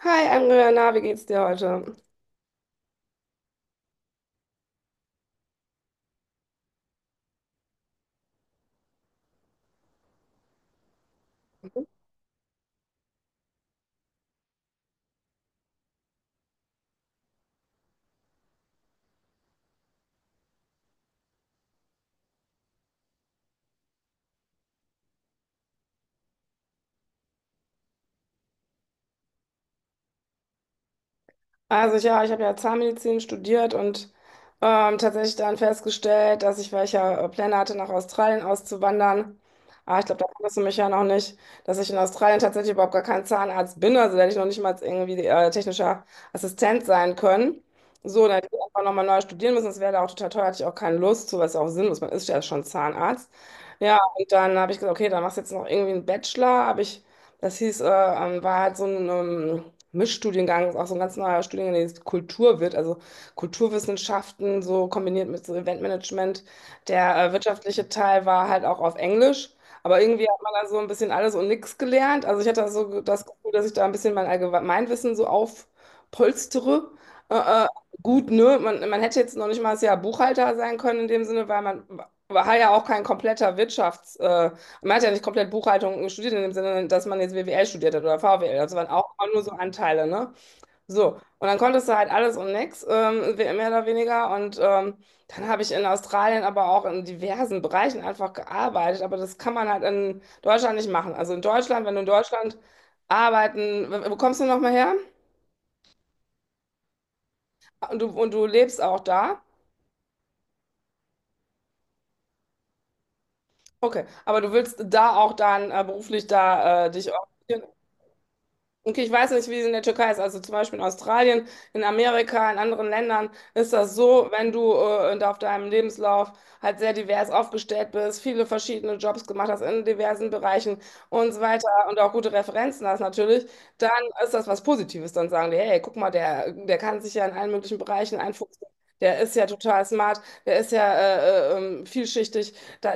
Hi Andrea, na, wie geht's dir heute? Also ich, ja, ich habe ja Zahnmedizin studiert und tatsächlich dann festgestellt, dass ich, weil ich ja Pläne hatte, nach Australien auszuwandern, ich glaube, da kannst du mich ja noch nicht, dass ich in Australien tatsächlich überhaupt gar kein Zahnarzt bin, also da hätte ich noch nicht mal irgendwie technischer Assistent sein können. So, dann hätte ich einfach nochmal neu studieren müssen, das wäre da auch total teuer, hatte ich auch keine Lust zu, was ja auch sinnlos, man ist ja schon Zahnarzt. Ja, und dann habe ich gesagt, okay, dann machst du jetzt noch irgendwie einen Bachelor, habe ich, das hieß, war halt so ein... Mischstudiengang, ist auch so ein ganz neuer Studiengang, der jetzt Kultur wird, also Kulturwissenschaften, so kombiniert mit so Eventmanagement. Der wirtschaftliche Teil war halt auch auf Englisch, aber irgendwie hat man da so ein bisschen alles und nichts gelernt. Also ich hatte da so das Gefühl, dass ich da ein bisschen mein Allgemeinwissen so aufpolstere. Äh, äh, gut, ne? Man hätte jetzt noch nicht mal das Jahr Buchhalter sein können in dem Sinne, weil man war ja auch kein kompletter Wirtschaftsmensch. Man hat ja nicht komplett Buchhaltung studiert, in dem Sinne, dass man jetzt WWL studiert hat oder VWL. Das waren auch immer nur so Anteile, ne? So. Und dann konntest du halt alles und nix, mehr oder weniger. Und dann habe ich in Australien aber auch in diversen Bereichen einfach gearbeitet. Aber das kann man halt in Deutschland nicht machen. Also in Deutschland, wenn du in Deutschland arbeiten, wo kommst du nochmal her? Und du lebst auch da? Okay. Aber du willst da auch dann beruflich da dich orientieren? Okay, ich weiß nicht, wie es in der Türkei ist. Also zum Beispiel in Australien, in Amerika, in anderen Ländern ist das so, wenn du da auf deinem Lebenslauf halt sehr divers aufgestellt bist, viele verschiedene Jobs gemacht hast in diversen Bereichen und so weiter und auch gute Referenzen hast natürlich, dann ist das was Positives. Dann sagen die, hey, guck mal, der, der kann sich ja in allen möglichen Bereichen einfuchsen. Der ist ja total smart, der ist ja vielschichtig, da,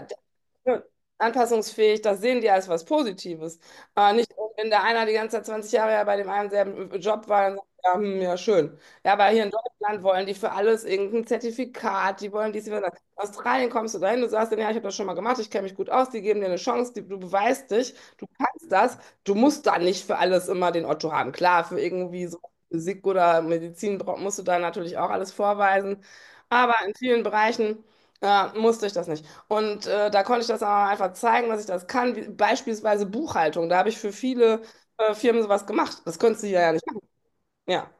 der, anpassungsfähig. Das sehen die als was Positives. Aber nicht, wenn der einer die ganze Zeit 20 Jahre ja bei dem einen selben Job war, dann sagt er, ja, hm, ja, schön. Ja, aber hier in Deutschland wollen die für alles irgendein Zertifikat, die wollen dies, die wollen das. In Australien kommst du dahin, du sagst dann, ja, ich habe das schon mal gemacht, ich kenne mich gut aus, die geben dir eine Chance, die, du beweist dich, du kannst das, du musst da nicht für alles immer den Otto haben. Klar, für irgendwie so Physik oder Medizin musst du da natürlich auch alles vorweisen, aber in vielen Bereichen musste ich das nicht. Und da konnte ich das aber einfach zeigen, dass ich das kann. Wie, beispielsweise Buchhaltung. Da habe ich für viele Firmen sowas gemacht. Das könntest du hier ja nicht machen. Ja,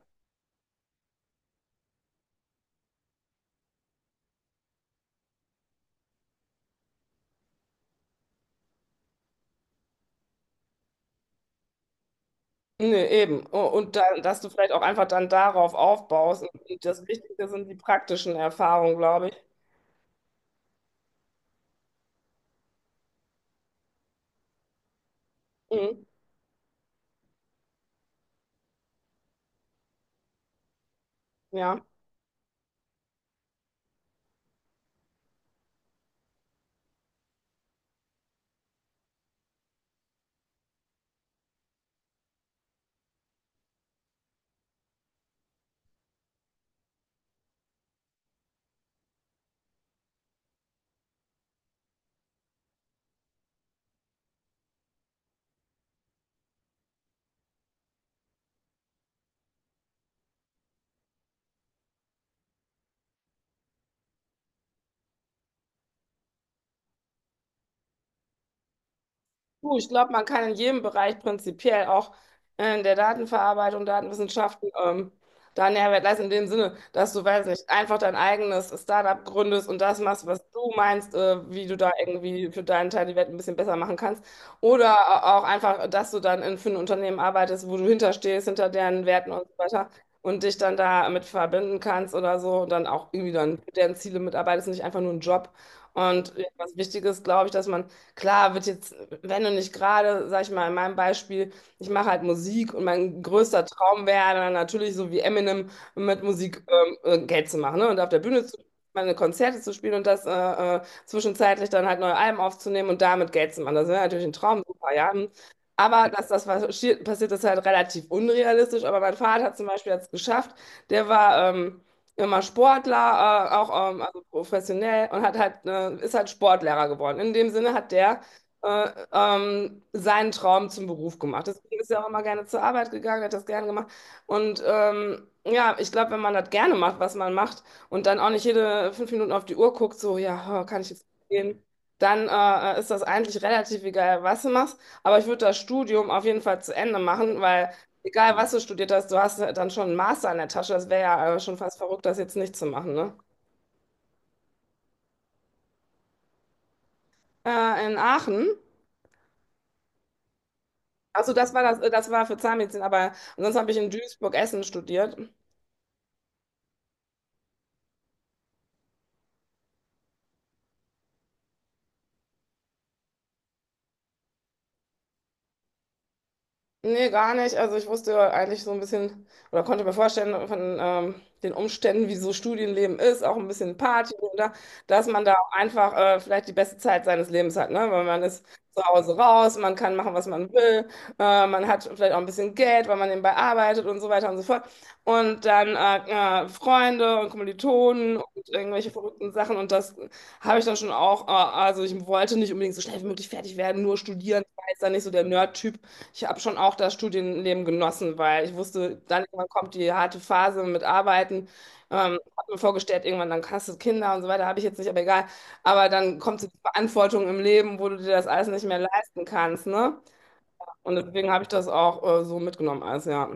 nee, eben. Und dann, dass du vielleicht auch einfach dann darauf aufbaust. Und das Wichtige sind die praktischen Erfahrungen, glaube ich. Mhm. Ja. Du, ich glaube, man kann in jedem Bereich prinzipiell auch in der Datenverarbeitung, Datenwissenschaften, da einen Mehrwert leisten, in dem Sinne, dass du, weiß nicht, einfach dein eigenes Startup gründest und das machst, was du meinst, wie du da irgendwie für deinen Teil die Welt ein bisschen besser machen kannst. Oder auch einfach, dass du dann in, für ein Unternehmen arbeitest, wo du hinterstehst, hinter deren Werten und so weiter und dich dann da mit verbinden kannst oder so und dann auch irgendwie dann für deren Ziele mitarbeitest, und nicht einfach nur einen Job. Und ja, was wichtig ist, glaube ich, dass man Klar, wird jetzt wenn du nicht gerade, sag ich mal, in meinem Beispiel, ich mache halt Musik und mein größter Traum wäre dann natürlich so wie Eminem mit Musik Geld zu machen, ne? Und auf der Bühne zu meine Konzerte zu spielen und das zwischenzeitlich dann halt neue Alben aufzunehmen und damit Geld zu machen. Das wäre natürlich ein Traum, super, ja. Aber dass das passiert, ist halt relativ unrealistisch. Aber mein Vater zum Beispiel hat es geschafft. Der war immer Sportler, auch also professionell und hat halt, ist halt Sportlehrer geworden. In dem Sinne hat der seinen Traum zum Beruf gemacht. Deswegen ist er auch immer gerne zur Arbeit gegangen, hat das gerne gemacht. Und ja, ich glaube, wenn man das gerne macht, was man macht, und dann auch nicht jede 5 Minuten auf die Uhr guckt, so, ja, oh, kann ich jetzt gehen, dann ist das eigentlich relativ egal, was du machst. Aber ich würde das Studium auf jeden Fall zu Ende machen, weil egal, was du studiert hast, du hast dann schon einen Master in der Tasche. Das wäre ja schon fast verrückt, das jetzt nicht zu machen, ne? In Aachen. Achso, das war das, das war für Zahnmedizin, aber ansonsten habe ich in Duisburg Essen studiert. Nee, gar nicht. Also ich wusste eigentlich so ein bisschen oder konnte mir vorstellen von den Umständen, wie so Studienleben ist, auch ein bisschen Party oder dass man da auch einfach vielleicht die beste Zeit seines Lebens hat, ne? Weil man ist zu Hause raus, man kann machen, was man will, man hat vielleicht auch ein bisschen Geld, weil man nebenbei arbeitet und so weiter und so fort. Und dann Freunde und Kommilitonen und irgendwelche verrückten Sachen und das habe ich dann schon auch, also ich wollte nicht unbedingt so schnell wie möglich fertig werden, nur studieren, ich war jetzt da nicht so der Nerd-Typ. Ich habe schon auch das Studienleben genossen, weil ich wusste, dann irgendwann kommt die harte Phase mit Arbeiten. Habe mir vorgestellt, irgendwann dann hast du Kinder und so weiter, habe ich jetzt nicht, aber egal. Aber dann kommt so die Verantwortung im Leben, wo du dir das alles nicht mehr leisten kannst, ne? Und deswegen habe ich das auch so mitgenommen, alles, ja.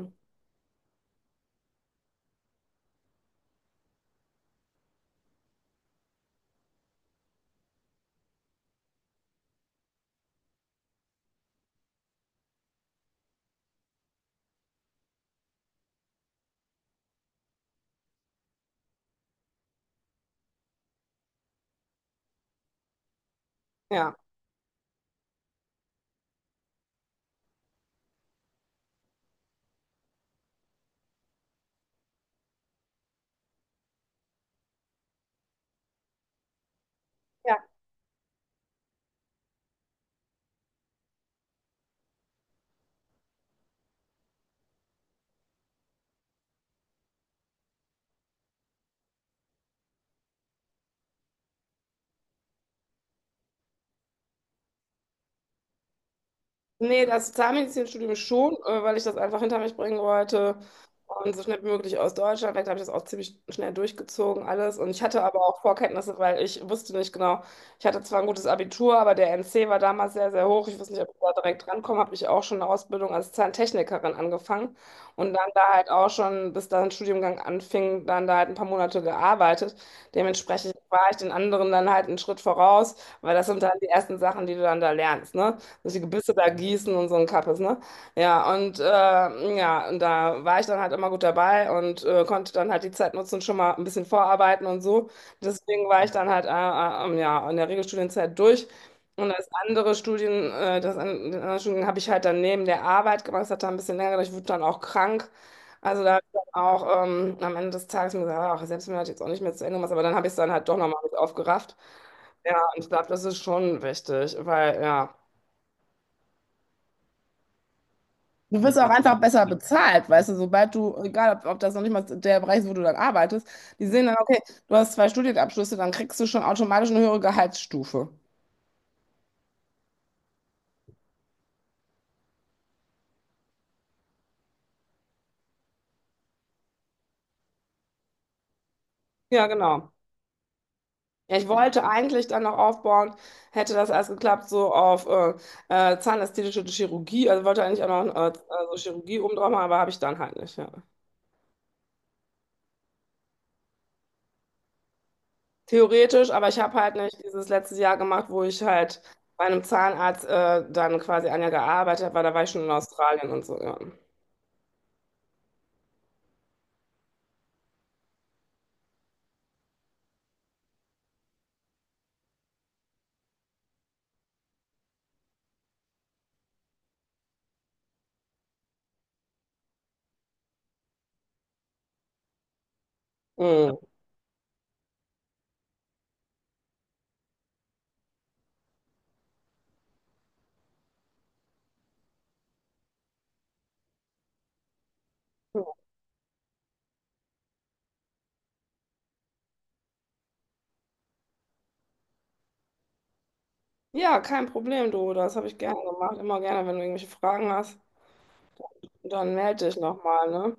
Ja. Ja. Nee, das Zahnmedizinstudium schon, weil ich das einfach hinter mich bringen wollte und so schnell wie möglich aus Deutschland weg. Da habe ich das auch ziemlich schnell durchgezogen, alles. Und ich hatte aber auch Vorkenntnisse, weil ich wusste nicht genau. Ich hatte zwar ein gutes Abitur, aber der NC war damals sehr, sehr hoch. Ich wusste nicht, ob ich da direkt rankomme. Habe ich auch schon eine Ausbildung als Zahntechnikerin angefangen und dann da halt auch schon, bis dann Studiengang anfing, dann da halt ein paar Monate gearbeitet. Dementsprechend war ich den anderen dann halt einen Schritt voraus, weil das sind dann die ersten Sachen, die du dann da lernst, ne? Dass die Gebüsse da gießen und so ein Kappes, ne? Ja, und ja, und da war ich dann halt immer gut dabei und konnte dann halt die Zeit nutzen, schon mal ein bisschen vorarbeiten und so. Deswegen war ich dann halt ja, in der Regelstudienzeit durch. Und das andere Studien, das an, den anderen Studien habe ich halt dann neben der Arbeit gemacht. Das hat dann ein bisschen länger gedauert. Ich wurde dann auch krank. Also da habe ich dann auch am Ende des Tages mir gesagt, ach, selbst wenn du das jetzt auch nicht mehr zu Ende machst, aber dann habe ich es dann halt doch nochmal mit aufgerafft. Ja, und ich glaube, das ist schon wichtig, weil ja. Du wirst auch einfach besser ja, bezahlt, weißt du, sobald du, egal ob, ob das noch nicht mal der Bereich ist, wo du dann arbeitest, die sehen dann, okay, du hast zwei Studienabschlüsse, dann kriegst du schon automatisch eine höhere Gehaltsstufe. Ja, genau. Ja, ich wollte eigentlich dann noch aufbauen, hätte das alles geklappt, so auf zahnästhetische Chirurgie, also wollte eigentlich auch noch also Chirurgie oben drauf machen, aber habe ich dann halt nicht. Ja. Theoretisch, aber ich habe halt nicht dieses letzte Jahr gemacht, wo ich halt bei einem Zahnarzt dann quasi 1 Jahr gearbeitet habe, weil da war ich schon in Australien und so, ja. Mhm. Ja, kein Problem, du. Das habe ich gerne gemacht. Immer gerne, wenn du irgendwelche Fragen hast. Dann melde dich nochmal, ne?